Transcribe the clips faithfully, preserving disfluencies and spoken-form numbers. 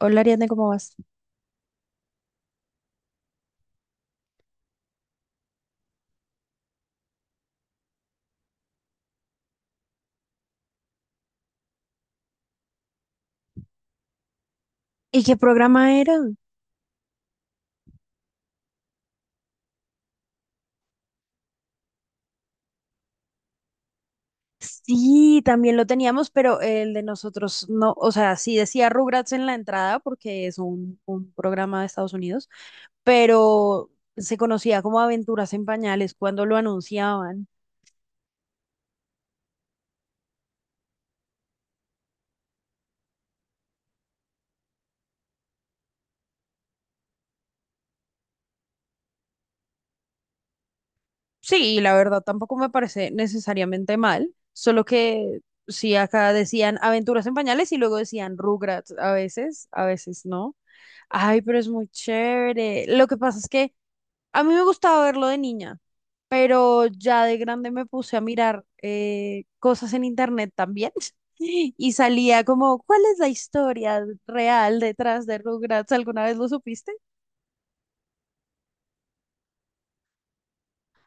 Hola Ariadne, ¿cómo vas? ¿Y qué programa era? Sí, también lo teníamos, pero el de nosotros no, o sea, sí decía Rugrats en la entrada porque es un, un programa de Estados Unidos, pero se conocía como Aventuras en Pañales cuando lo anunciaban. Sí, la verdad tampoco me parece necesariamente mal, solo que sí acá decían Aventuras en Pañales y luego decían Rugrats a veces, a veces no. Ay, pero es muy chévere. Lo que pasa es que a mí me gustaba verlo de niña, pero ya de grande me puse a mirar eh, cosas en internet también. Y salía como, ¿cuál es la historia real detrás de Rugrats? ¿Alguna vez lo supiste?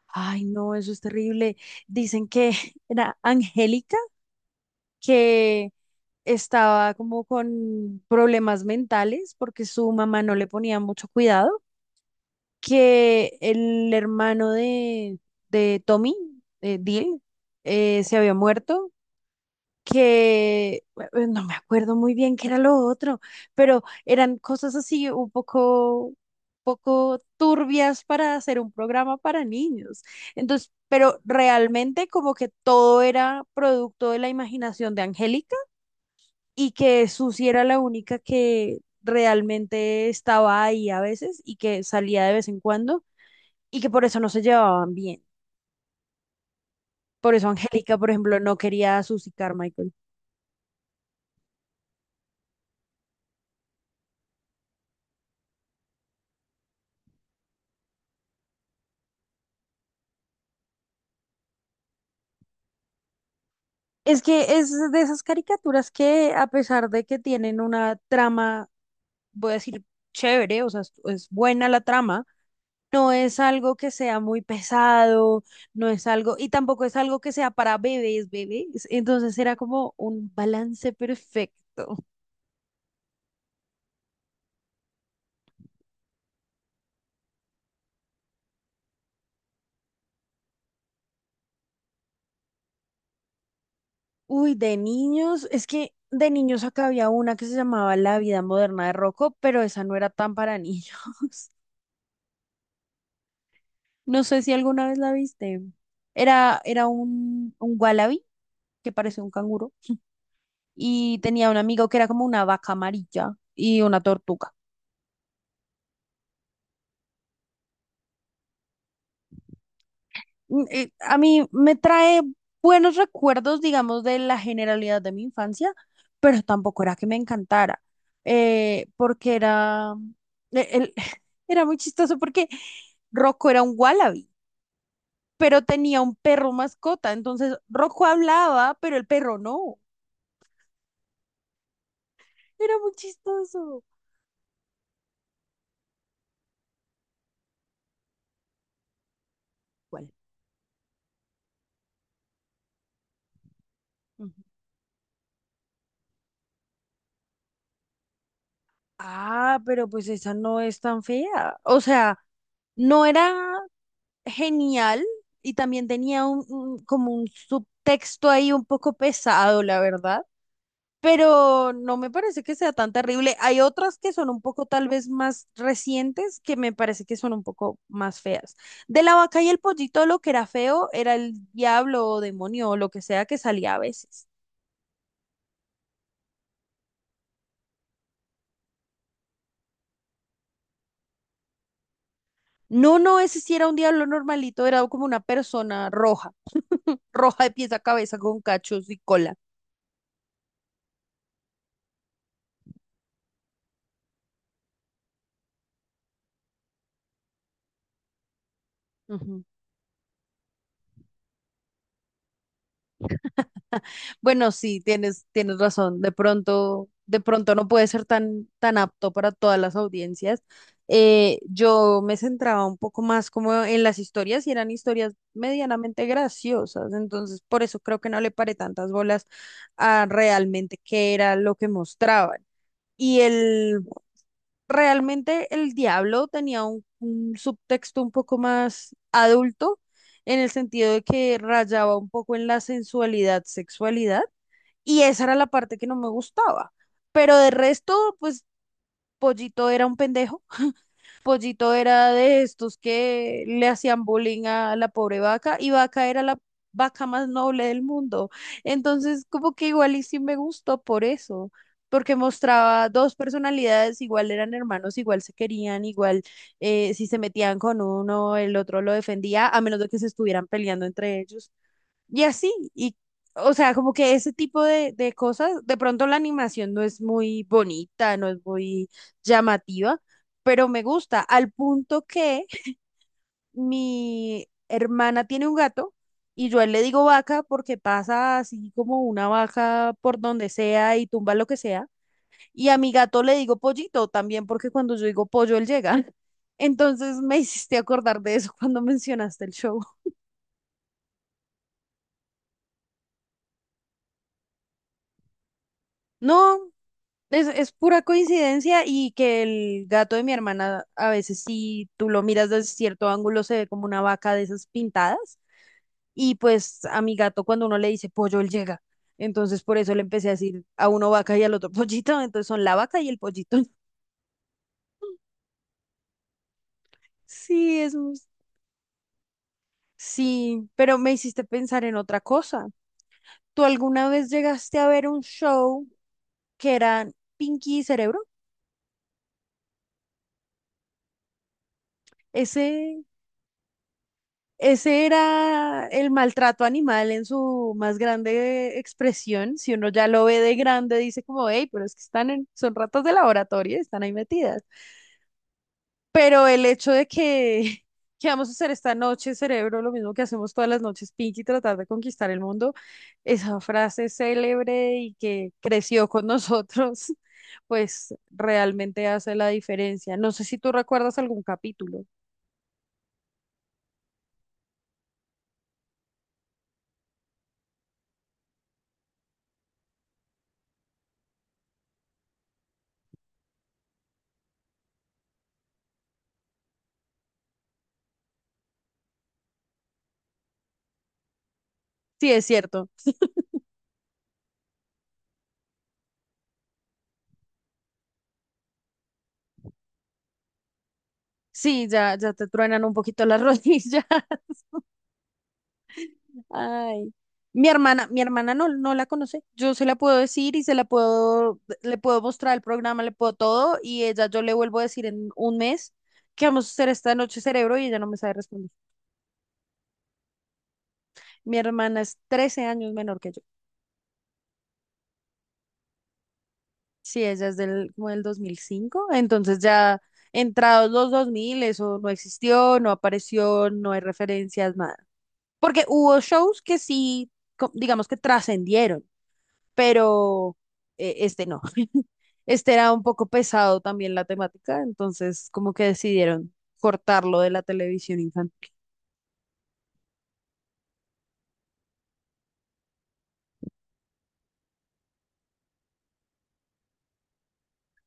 Ay, no, eso es terrible. Dicen que era Angélica, que estaba como con problemas mentales porque su mamá no le ponía mucho cuidado, que el hermano de, de Tommy, eh, Dil, eh, se había muerto, que eh, no me acuerdo muy bien qué era lo otro, pero eran cosas así un poco, poco turbias para hacer un programa para niños. Entonces, pero realmente como que todo era producto de la imaginación de Angélica y que Susi era la única que realmente estaba ahí a veces y que salía de vez en cuando y que por eso no se llevaban bien. Por eso Angélica, por ejemplo, no quería a Susie Carmichael. Es que es de esas caricaturas que, a pesar de que tienen una trama, voy a decir, chévere, o sea, es es buena la trama, no es algo que sea muy pesado, no es algo, y tampoco es algo que sea para bebés, bebés. Entonces era como un balance perfecto. Uy, de niños, es que de niños acá había una que se llamaba La vida moderna de Rocco, pero esa no era tan para niños. No sé si alguna vez la viste. Era, era un, un wallaby que parecía un canguro y tenía un amigo que era como una vaca amarilla y una tortuga. Mm, eh, A mí me trae buenos recuerdos, digamos, de la generalidad de mi infancia, pero tampoco era que me encantara, eh, porque era, e- el- era muy chistoso porque Rocco era un wallaby, pero tenía un perro mascota, entonces Rocco hablaba, pero el perro no. Era muy chistoso. ¿Cuál? Ujú. Ah, pero pues esa no es tan fea. O sea, no era genial y también tenía un, un- como un subtexto ahí un poco pesado, la verdad. Pero no me parece que sea tan terrible. Hay otras que son un poco tal vez más recientes que me parece que son un poco más feas. De la vaca y el pollito lo que era feo era el diablo o demonio o lo que sea que salía a veces. No, no, ese sí era un diablo normalito, era como una persona roja, roja de pies a cabeza con cachos y cola. Ujú. Bueno, sí, tienes, tienes razón. De pronto, de pronto no puede ser tan, tan apto para todas las audiencias. Eh, yo me centraba un poco más como en las historias y eran historias medianamente graciosas. Entonces, por eso creo que no le paré tantas bolas a realmente qué era lo que mostraban. Y el realmente el diablo tenía un, un subtexto un poco más adulto, en el sentido de que rayaba un poco en la sensualidad, sexualidad, y esa era la parte que no me gustaba. Pero de resto, pues Pollito era un pendejo, Pollito era de estos que le hacían bullying a la pobre vaca y vaca era la vaca más noble del mundo. Entonces, como que igual y sí me gustó por eso, porque mostraba dos personalidades, igual eran hermanos, igual se querían, igual eh, si se metían con uno, el otro lo defendía, a menos de que se estuvieran peleando entre ellos. Y así, y o sea, como que ese tipo de, de cosas, de pronto la animación no es muy bonita, no es muy llamativa, pero me gusta, al punto que mi hermana tiene un gato y yo a él le digo vaca porque pasa así como una vaca por donde sea y tumba lo que sea, y a mi gato le digo pollito también porque cuando yo digo pollo, él llega. Entonces me hiciste acordar de eso cuando mencionaste el show. No, Es, es pura coincidencia y que el gato de mi hermana a veces si tú lo miras desde cierto ángulo se ve como una vaca de esas pintadas y pues a mi gato cuando uno le dice pollo él llega. Entonces por eso le empecé a decir a uno vaca y al otro pollito, entonces son la vaca y el pollito. Sí, es muy... Sí, pero me hiciste pensar en otra cosa. ¿Tú alguna vez llegaste a ver un show que era Pinky y Cerebro? Ese Ese era el maltrato animal en su más grande expresión. Si uno ya lo ve de grande, dice como, hey, pero es que están en, son ratas de laboratorio, y están ahí metidas. Pero el hecho de que, que vamos a hacer esta noche, cerebro, lo mismo que hacemos todas las noches, Pinky, tratar de conquistar el mundo, esa frase célebre y que creció con nosotros, pues realmente hace la diferencia. No sé si tú recuerdas algún capítulo. Sí, es cierto. Sí, ya, ya te truenan un poquito las rodillas. Ay. Mi hermana, mi hermana no, no la conoce. Yo se la puedo decir y se la puedo, le puedo mostrar el programa, le puedo todo, y ella yo le vuelvo a decir en un mes que vamos a hacer esta noche cerebro y ella no me sabe responder. Mi hermana es trece años menor que yo. Sí, ella es del, como del dos mil cinco, entonces ya entrados los dos mil eso no existió, no apareció, no hay referencias, nada. Porque hubo shows que sí, co- digamos que trascendieron, pero eh, este no. Este era un poco pesado también la temática, entonces como que decidieron cortarlo de la televisión infantil.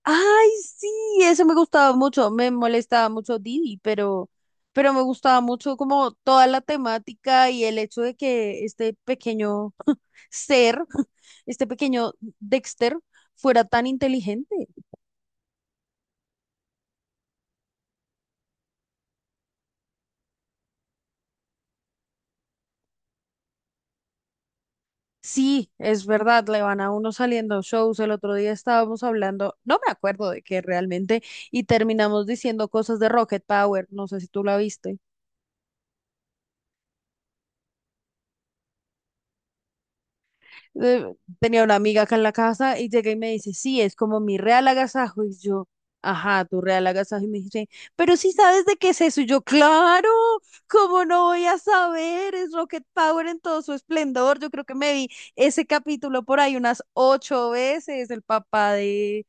Ay, sí, eso me gustaba mucho, me molestaba mucho Didi, pero, pero me gustaba mucho como toda la temática y el hecho de que este pequeño ser, este pequeño Dexter, fuera tan inteligente. Sí, es verdad, le van a uno saliendo shows. El otro día estábamos hablando, no me acuerdo de qué realmente, y terminamos diciendo cosas de Rocket Power. No sé si tú la viste. Eh, tenía una amiga acá en la casa y llega y me dice, sí, es como mi real agasajo. Y yo, ajá, tu real agasajo. Y me dice, pero sí sabes de qué es eso. Y yo, claro, ¿cómo no voy a saber? Es Rocket Power en todo su esplendor. Yo creo que me vi ese capítulo por ahí unas ocho veces, el papá de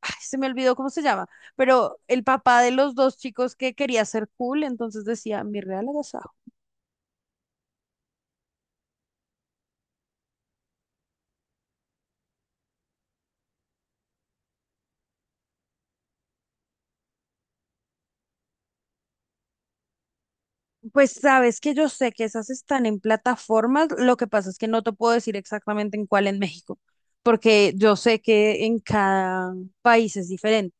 ay, se me olvidó cómo se llama, pero el papá de los dos chicos que quería ser cool, entonces decía, mi real agasajo. Pues sabes que yo sé que esas están en plataformas, lo que pasa es que no te puedo decir exactamente en cuál en México, porque yo sé que en cada país es diferente.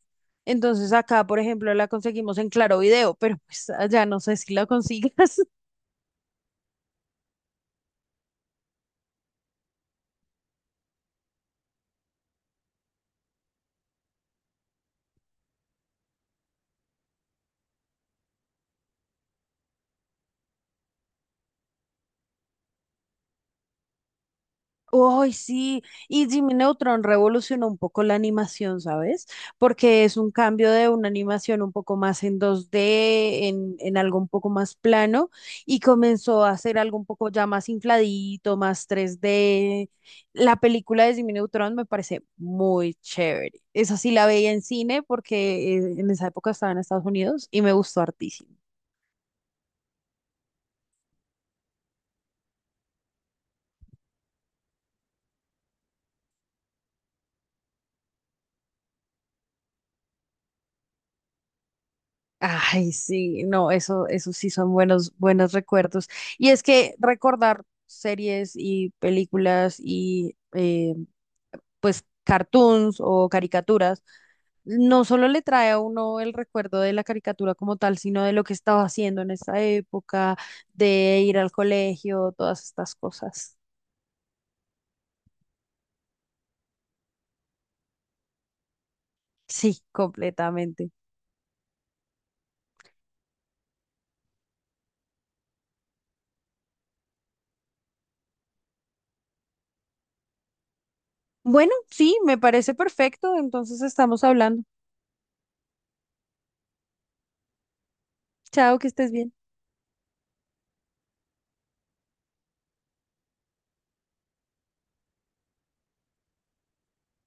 Entonces acá, por ejemplo, la conseguimos en Claro Video, pero pues allá no sé si la consigas. Uy, sí, y Jimmy Neutron revolucionó un poco la animación, ¿sabes? Porque es un cambio de una animación un poco más en dos d en, en algo un poco más plano, y comenzó a hacer algo un poco ya más infladito, más tres d. La película de Jimmy Neutron me parece muy chévere. Esa sí la veía en cine porque eh, en esa época estaba en Estados Unidos y me gustó hartísimo. Ay, sí, no, eso, eso sí son buenos, buenos recuerdos. Y es que recordar series y películas y eh, pues cartoons o caricaturas, no solo le trae a uno el recuerdo de la caricatura como tal, sino de lo que estaba haciendo en esa época, de ir al colegio, todas estas cosas. Sí, completamente. Bueno, sí, me parece perfecto. Entonces estamos hablando. Chao, que estés bien.